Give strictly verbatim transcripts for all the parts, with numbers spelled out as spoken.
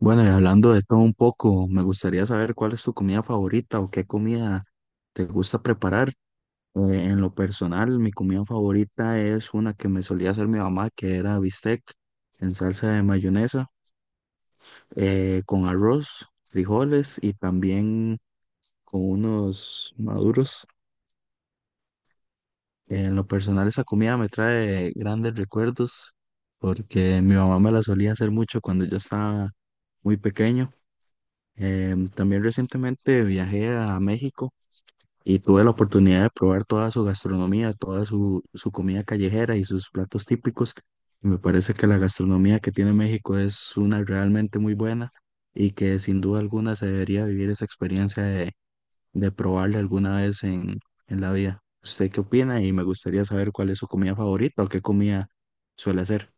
Bueno, y hablando de todo un poco, me gustaría saber cuál es tu comida favorita o qué comida te gusta preparar. Eh, en lo personal, mi comida favorita es una que me solía hacer mi mamá, que era bistec en salsa de mayonesa, eh, con arroz, frijoles y también con unos maduros. En lo personal, esa comida me trae grandes recuerdos porque mi mamá me la solía hacer mucho cuando yo estaba muy pequeño. Em, también recientemente viajé a México y tuve la oportunidad de probar toda su gastronomía, toda su, su comida callejera y sus platos típicos. Y me parece que la gastronomía que tiene México es una realmente muy buena y que sin duda alguna se debería vivir esa experiencia de, de probarla alguna vez en, en la vida. ¿Usted qué opina? Y me gustaría saber cuál es su comida favorita o qué comida suele hacer.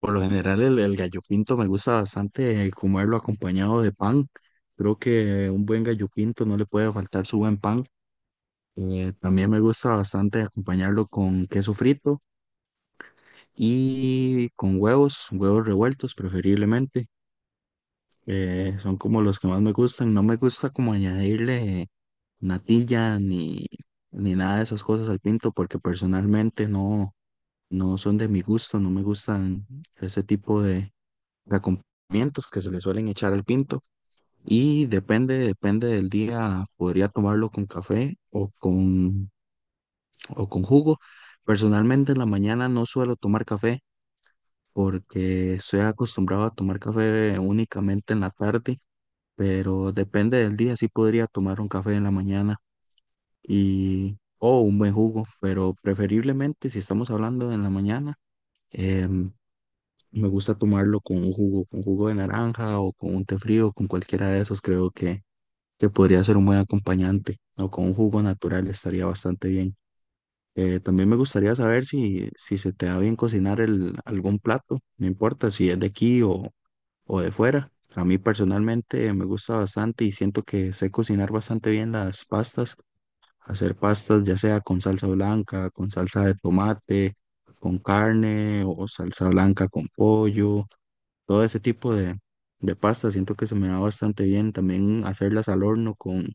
Por lo general, el, el gallo pinto me gusta bastante eh, comerlo acompañado de pan. Creo que un buen gallo pinto no le puede faltar su buen pan. Eh, también me gusta bastante acompañarlo con queso frito y con huevos, huevos revueltos preferiblemente. Eh, son como los que más me gustan. No me gusta como añadirle natilla ni, ni nada de esas cosas al pinto porque personalmente no, no son de mi gusto, no me gustan ese tipo de de acompañamientos que se le suelen echar al pinto y depende, depende del día, podría tomarlo con café o con, o con jugo. Personalmente en la mañana no suelo tomar café porque estoy acostumbrado a tomar café únicamente en la tarde, pero depende del día, sí podría tomar un café en la mañana y o un buen jugo, pero preferiblemente si estamos hablando en la mañana. em, Me gusta tomarlo con un jugo, con jugo de naranja o con un té frío, con cualquiera de esos, creo que, que podría ser un buen acompañante o con un jugo natural estaría bastante bien. Eh, también me gustaría saber si, si se te da bien cocinar el, algún plato, no importa si es de aquí o, o de fuera. A mí personalmente me gusta bastante y siento que sé cocinar bastante bien las pastas, hacer pastas ya sea con salsa blanca, con salsa de tomate, con carne o salsa blanca con pollo todo ese tipo de, de pasta. Siento que se me da bastante bien. También hacerlas al horno con,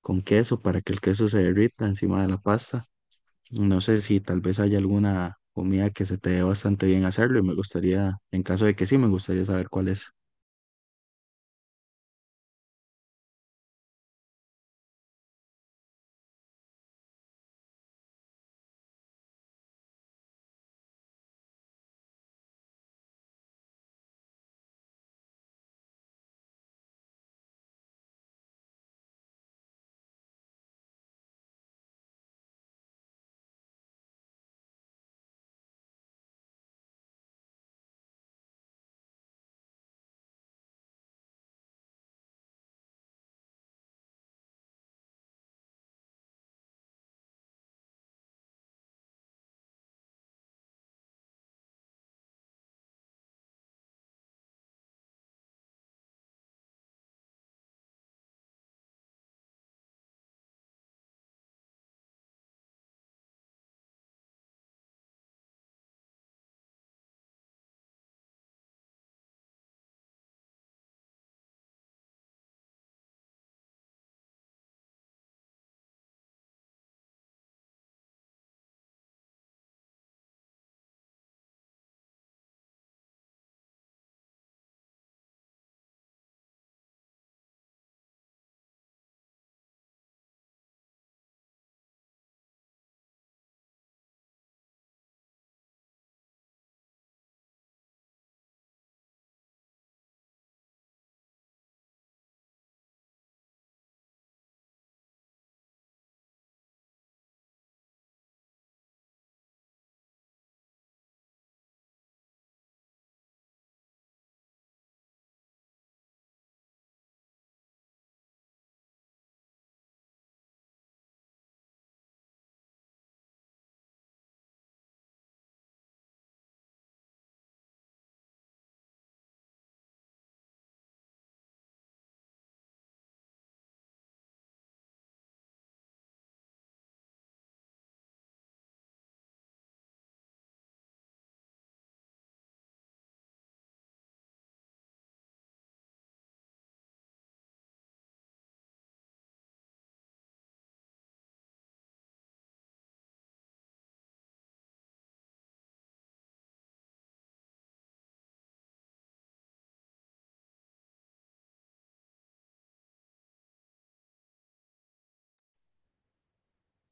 con queso para que el queso se derrita encima de la pasta. No sé si tal vez haya alguna comida que se te dé bastante bien hacerlo y me gustaría, en caso de que sí, me gustaría saber cuál es.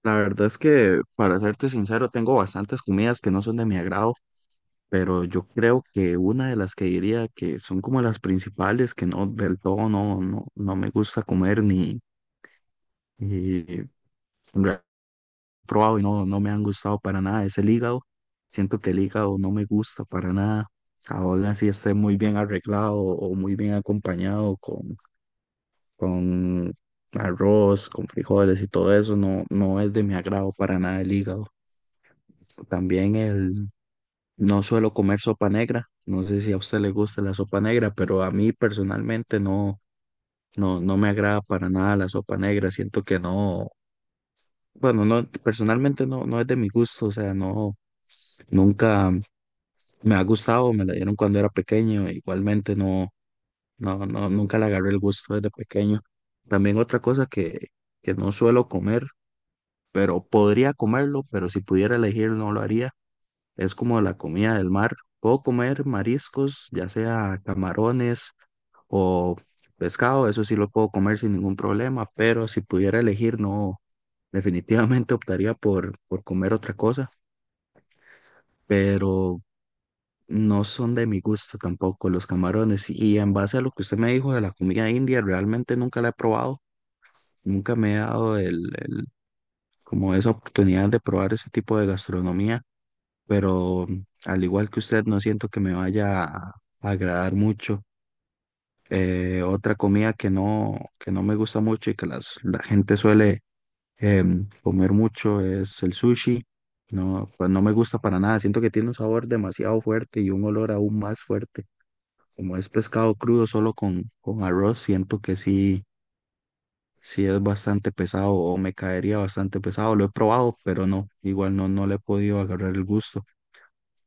La verdad es que, para serte sincero, tengo bastantes comidas que no son de mi agrado, pero yo creo que una de las que diría que son como las principales, que no del todo no, no, no me gusta comer ni, y probado y no, no me han gustado para nada. Es el hígado. Siento que el hígado no me gusta para nada. Ahora sí esté muy bien arreglado o muy bien acompañado con, con arroz, con frijoles y todo eso. No, no es de mi agrado para nada el hígado. También el... No suelo comer sopa negra. No sé si a usted le gusta la sopa negra, pero a mí personalmente no, no, no me agrada para nada la sopa negra. Siento que no, bueno, no, personalmente no, no es de mi gusto, o sea, no, nunca, me ha gustado, me la dieron cuando era pequeño, igualmente no, no, no, nunca le agarré el gusto desde pequeño. También otra cosa que, que no suelo comer, pero podría comerlo, pero si pudiera elegir no lo haría, es como la comida del mar. Puedo comer mariscos, ya sea camarones o pescado, eso sí lo puedo comer sin ningún problema, pero si pudiera elegir no, definitivamente optaría por, por comer otra cosa, pero no son de mi gusto tampoco los camarones. Y en base a lo que usted me dijo de la comida india, realmente nunca la he probado. Nunca me he dado el, el- como esa oportunidad de probar ese tipo de gastronomía. Pero mm, al igual que usted, no siento que me vaya a agradar mucho. Eh, otra comida que no, que no me gusta mucho y que las, la gente suele em, comer mucho es el sushi. No, pues no me gusta para nada. Siento que tiene un sabor demasiado fuerte y un olor aún más fuerte. Como es pescado crudo solo con, con arroz, siento que sí, sí es bastante pesado o me caería bastante pesado. Lo he probado, pero no, igual no, no le he podido agarrar el gusto.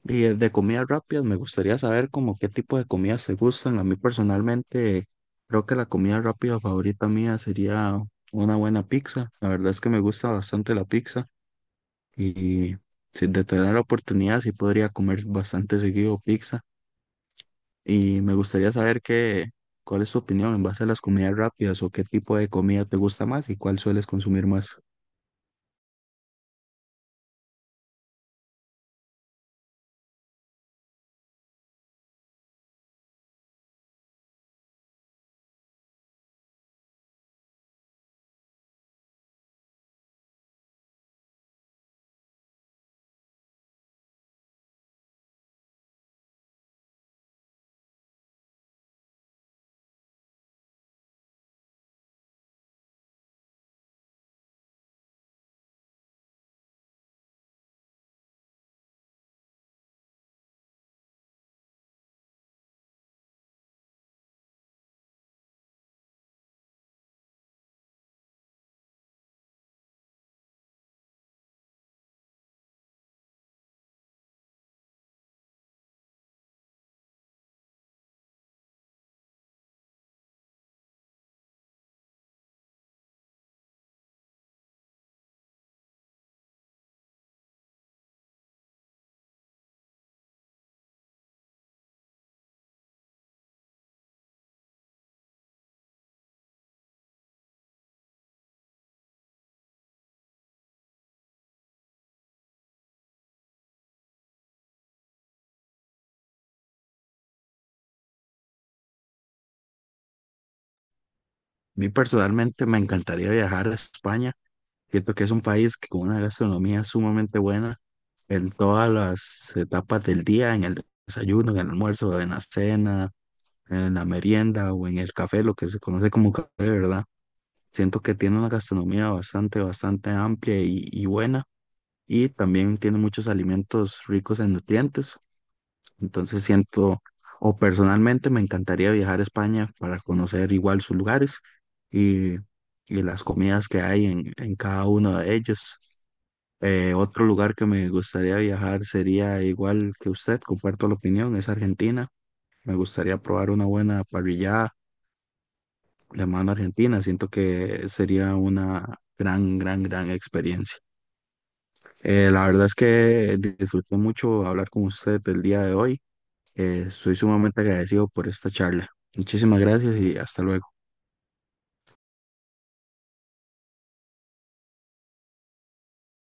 Y eh, de comidas rápidas, me gustaría saber como qué tipo de comidas te gustan. A mí personalmente, creo que la comida rápida favorita mía sería una buena pizza. La verdad es que me gusta bastante la pizza y si de tener la oportunidad, sí podría comer bastante seguido pizza. Y me gustaría saber qué, cuál es tu opinión en base a las comidas rápidas o qué tipo de comida te gusta más y cuál sueles consumir más. A mí personalmente me encantaría viajar a España. Siento que es un país que con una gastronomía sumamente buena en todas las etapas del día, en el desayuno, en el almuerzo, en la cena, en la merienda o en el café, lo que se conoce como café, ¿verdad? Siento que tiene una gastronomía bastante, bastante amplia y, y buena y también tiene muchos alimentos ricos en nutrientes. Entonces siento, o personalmente me encantaría viajar a España para conocer igual sus lugares y, y las comidas que hay en, en cada uno de ellos. Eh, otro lugar que me gustaría viajar sería igual que usted, comparto la opinión, es Argentina. Me gustaría probar una buena parrillada de mano argentina. Siento que sería una gran, gran, gran experiencia. Eh, la verdad es que disfruté mucho hablar con usted el día de hoy. Eh, soy sumamente agradecido por esta charla. Muchísimas gracias y hasta luego.